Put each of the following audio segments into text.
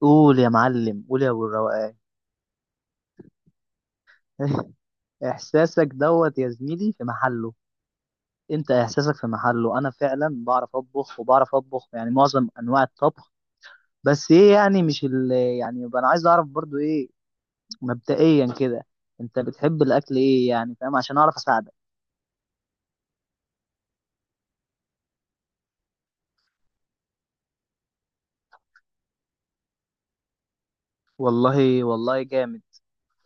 قول يا معلم، قول يا ابو الروقان. احساسك دوت يا زميلي في محله. انت احساسك في محله، انا فعلا بعرف اطبخ وبعرف اطبخ، معظم انواع الطبخ. بس ايه، يعني مش ال يبقى انا عايز اعرف برضو ايه. مبدئيا كده، انت بتحب الاكل ايه يعني، فاهم؟ عشان اعرف اساعدك. والله والله جامد،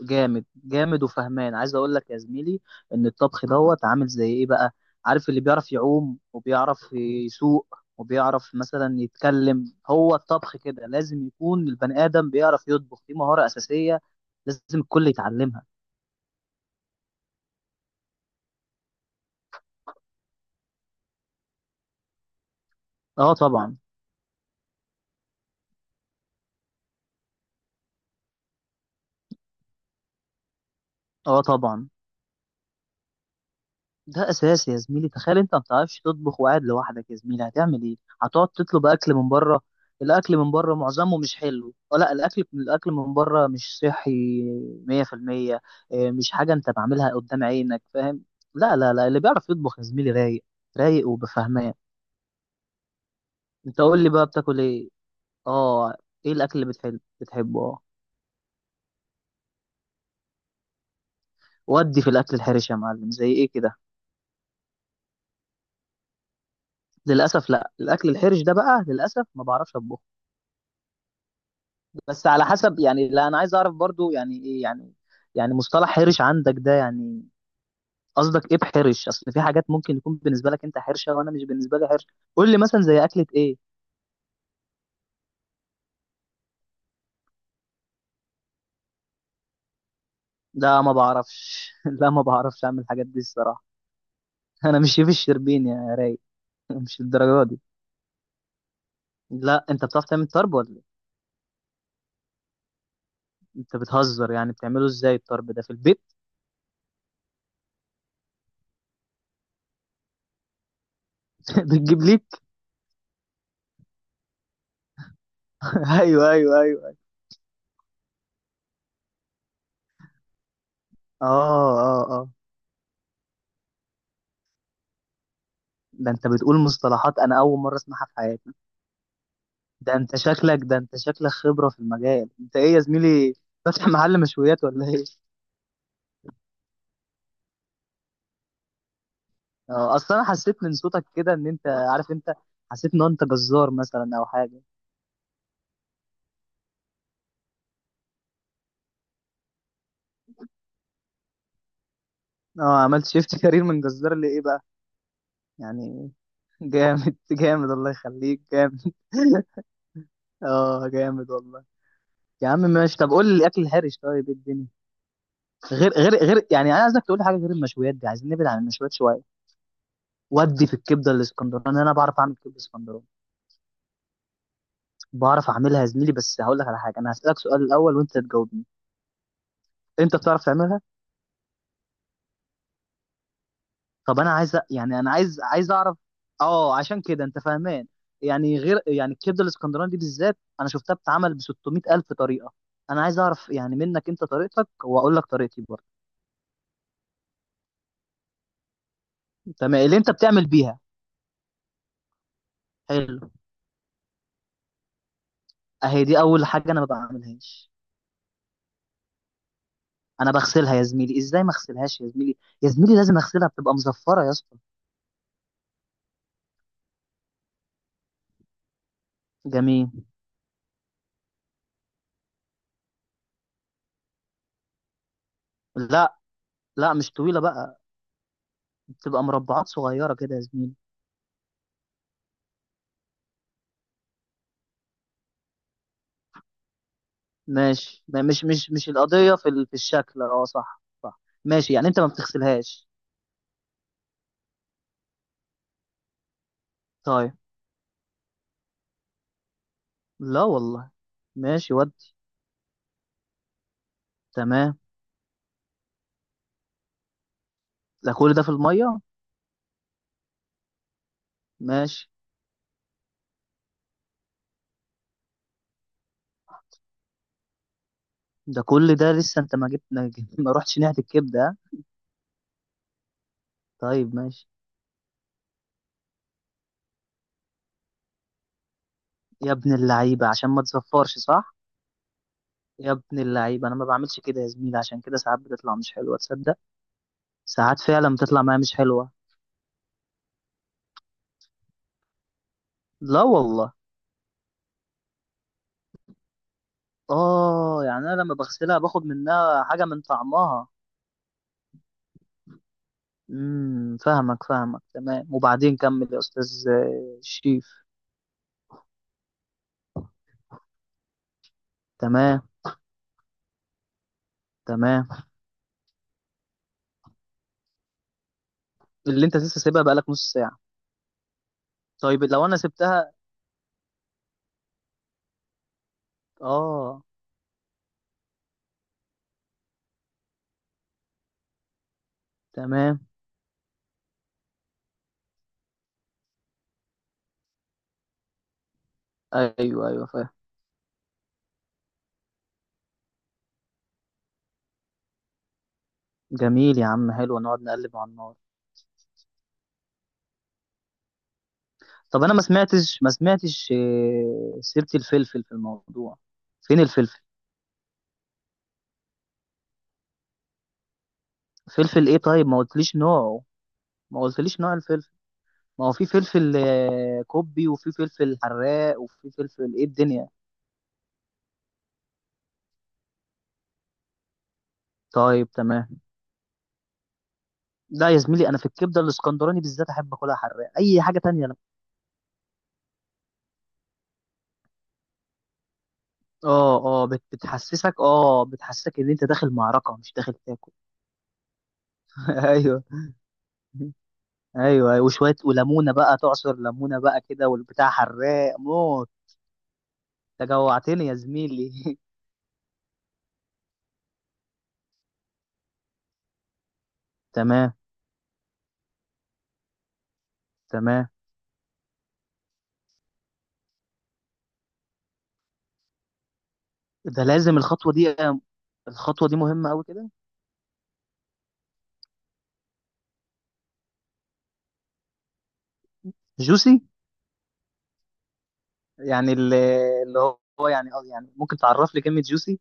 جامد جامد وفهمان. عايز اقول لك يا زميلي ان الطبخ دوت عامل زي ايه بقى؟ عارف اللي بيعرف يعوم وبيعرف يسوق وبيعرف مثلا يتكلم، هو الطبخ كده، لازم يكون البني ادم بيعرف يطبخ، دي مهارة اساسية لازم الكل يتعلمها. اه طبعا. اه طبعا. ده اساسي يا زميلي، تخيل انت ما بتعرفش تطبخ وقاعد لوحدك يا زميلي، هتعمل ايه؟ هتقعد تطلب اكل من بره. الاكل من بره معظمه مش حلو، أو لا، الاكل من بره مش صحي. 100%. مش حاجه انت بعملها قدام عينك، فاهم؟ لا لا لا، اللي بيعرف يطبخ يا زميلي رايق، رايق وبفهمان. انت قول لي بقى، بتاكل ايه؟ اه، ايه الاكل اللي بتحبه؟ اه، ودي في الاكل الحرش يا معلم، زي ايه كده؟ للاسف لا، الاكل الحرش ده بقى للاسف ما بعرفش اطبخه. بس على حسب، يعني لا انا عايز اعرف برضو يعني ايه يعني، يعني مصطلح حرش عندك ده يعني، قصدك ايه بحرش؟ اصل في حاجات ممكن يكون بالنسبه لك انت حرشه وانا مش بالنسبه لي حرش. قول لي مثلا زي اكله ايه. لا ما بعرفش. لا ما بعرفش اعمل الحاجات دي الصراحه. انا مش شيف الشربين يا راي. مش الدرجه دي. لا، انت بتعرف تعمل طرب ولا إيه؟ انت بتهزر، يعني بتعمله ازاي الطرب ده في البيت؟ بتجيب ليك؟ ايوه ايوه ايوه. اه اه اه، ده انت بتقول مصطلحات انا اول مره اسمعها في حياتي. ده انت شكلك، خبرة في المجال، انت ايه يا زميلي، فاتح محل مشويات ولا ايه؟ اه اصلا انا حسيت من صوتك كده ان انت عارف انت، حسيت ان انت جزار مثلا او حاجة. اه، عملت شيفت كارير من جزار لايه بقى يعني؟ جامد جامد، الله يخليك، جامد. اه جامد والله. يا عم ماشي، طب قول لي الاكل الحرش، طيب ايه الدنيا؟ غير يعني، انا عايزك تقول لي حاجه غير المشويات دي، عايزين نبعد عن المشويات شويه. ودي في الكبده الاسكندراني، انا بعرف اعمل كبده اسكندراني. بعرف اعملها يا زميلي، بس هقول لك على حاجه، انا هسالك سؤال الاول وانت تجاوبني. انت بتعرف تعملها؟ طب انا عايز انا عايز اعرف، اه عشان كده انت فاهمان، يعني غير يعني الكبده الاسكندراني دي بالذات، انا شفتها بتتعمل ب 600 الف طريقه. انا عايز اعرف يعني منك انت طريقتك، واقول لك طريقتي برضه. تمام، اللي انت بتعمل بيها. حلو، اهي دي اول حاجه انا ما بعملهاش. انا بغسلها يا زميلي، ازاي ما اغسلهاش يا زميلي؟ يا زميلي لازم اغسلها، بتبقى مزفره يا اسطى. جميل. لا لا، مش طويله بقى، تبقى مربعات صغيرة كده يا زميلي. ماشي مش القضية في الشكل، اه صح صح، ماشي يعني انت ما بتغسلهاش. طيب. لا والله. ماشي ود، تمام. ده كل ده في المية؟ ماشي. ده كل ده لسه انت ما جبت- ما رحتش ناحية الكبدة، ها؟ طيب ماشي. يا ابن اللعيبة، عشان ما تزفرش صح؟ يا ابن اللعيبة انا ما بعملش كده يا زميلي، عشان كده ساعات بتطلع مش حلوة، تصدق؟ ساعات فعلا بتطلع معايا مش حلوة. لا والله. اه يعني انا لما بغسلها باخد منها حاجة من طعمها. امم، فاهمك فاهمك، تمام. وبعدين كمل يا استاذ شريف. تمام تمام. اللي انت لسه سايبها بقالك نص ساعه؟ طيب لو انا سبتها. اه. تمام. ايوه ايوه فاهم. جميل يا عم، حلو، نقعد نقلب على النار. طب انا ما سمعتش سيره الفلفل في الموضوع. فين الفلفل؟ فلفل ايه؟ طيب ما قلتليش نوعه، ما قلتليش نوع الفلفل. ما هو في فلفل كوبي، وفي فلفل حراق، وفي فلفل ايه الدنيا. طيب تمام. لا يا زميلي، انا في الكبده الاسكندراني بالذات احب اكلها حراق، اي حاجه تانية انا. اه اه، بتحسسك، اه بتحسسك ان انت داخل معركه مش داخل تاكل. ايوه ايوه. أيوة. وشويه وليمونه بقى، تعصر ليمونه بقى كده والبتاع، حراق موت. انت جوعتني يا زميلي. تمام تمام. ده لازم الخطوه دي، الخطوه دي مهمه قوي كده؟ جوسي، يعني ال- اللي هو يعني يعني ممكن تعرف لي كلمه جوسي؟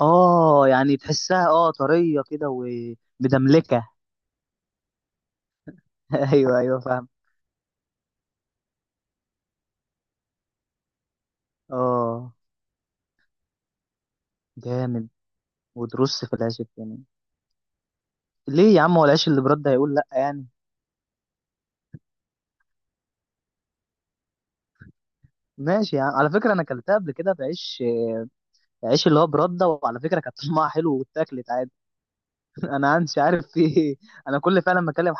اه يعني تحسها اه طريه كده ومدملكه. ايوه ايوه فاهم. اه جامد، وترص في العيش التاني؟ ليه يا عم، هو العيش اللي برده هيقول لا يعني؟ ماشي يا عم، على فكره انا اكلتها قبل كده بعيش، عيش اللي هو برده، وعلى فكره كانت طعمها حلو، واتاكلت عادي. انا مش عارف في ايه. انا كل فعلا ما اكلم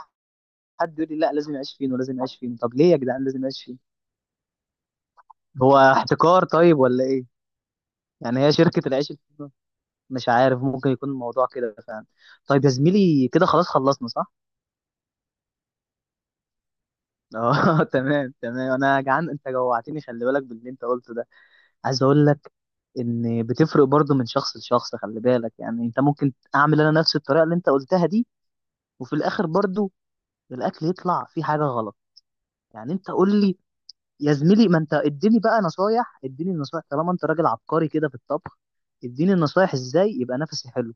حد يقول لي لا لازم يعيش فين ولازم يعيش فين، طب ليه يا جدعان لازم يعيش فين؟ هو احتكار طيب ولا ايه؟ يعني هي شركه العيش الفينو؟ مش عارف، ممكن يكون الموضوع كده فعلا. طيب يا زميلي كده خلاص خلصنا صح؟ اه. تمام تمام. انا جعان، انت جوعتني. خلي بالك باللي انت قلته ده، عايز اقول لك ان بتفرق برضو من شخص لشخص. خلي بالك يعني، انت ممكن اعمل انا نفس الطريقه اللي انت قلتها دي، وفي الاخر برضو الاكل يطلع فيه حاجه غلط. يعني انت قول لي يا زميلي، ما انت اديني بقى نصايح، اديني نصايح طالما انت راجل عبقري كده في الطبخ، اديني النصايح ازاي يبقى نفسي حلو.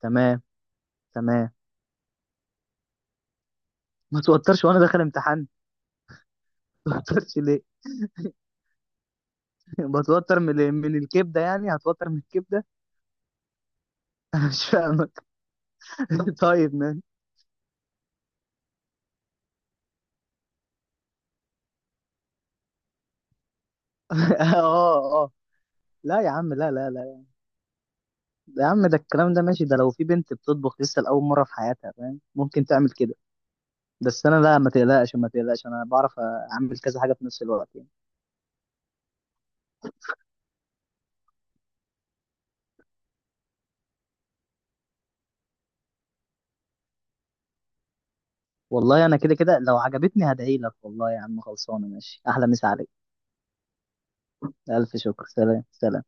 تمام. تمام. ما توترش وانا داخل امتحان؟ ما توترش ليه؟ بتوتر من من الكبده؟ يعني هتوتر من الكبده؟ انا مش فاهم. طيب ماشي. اه اه. لا يا عم، لا لا لا، يا عم ده الكلام ده ماشي، ده لو في بنت بتطبخ لسه لأول مرة في حياتها فاهم، ممكن تعمل كده. بس انا لا، ما تقلقش ما تقلقش، انا بعرف اعمل كذا حاجة في نفس الوقت يعني. والله انا كده كده لو عجبتني هدعي لك، والله يا عم خلصانة، ماشي، احلى مسا عليك. الف شكر، سلام سلام.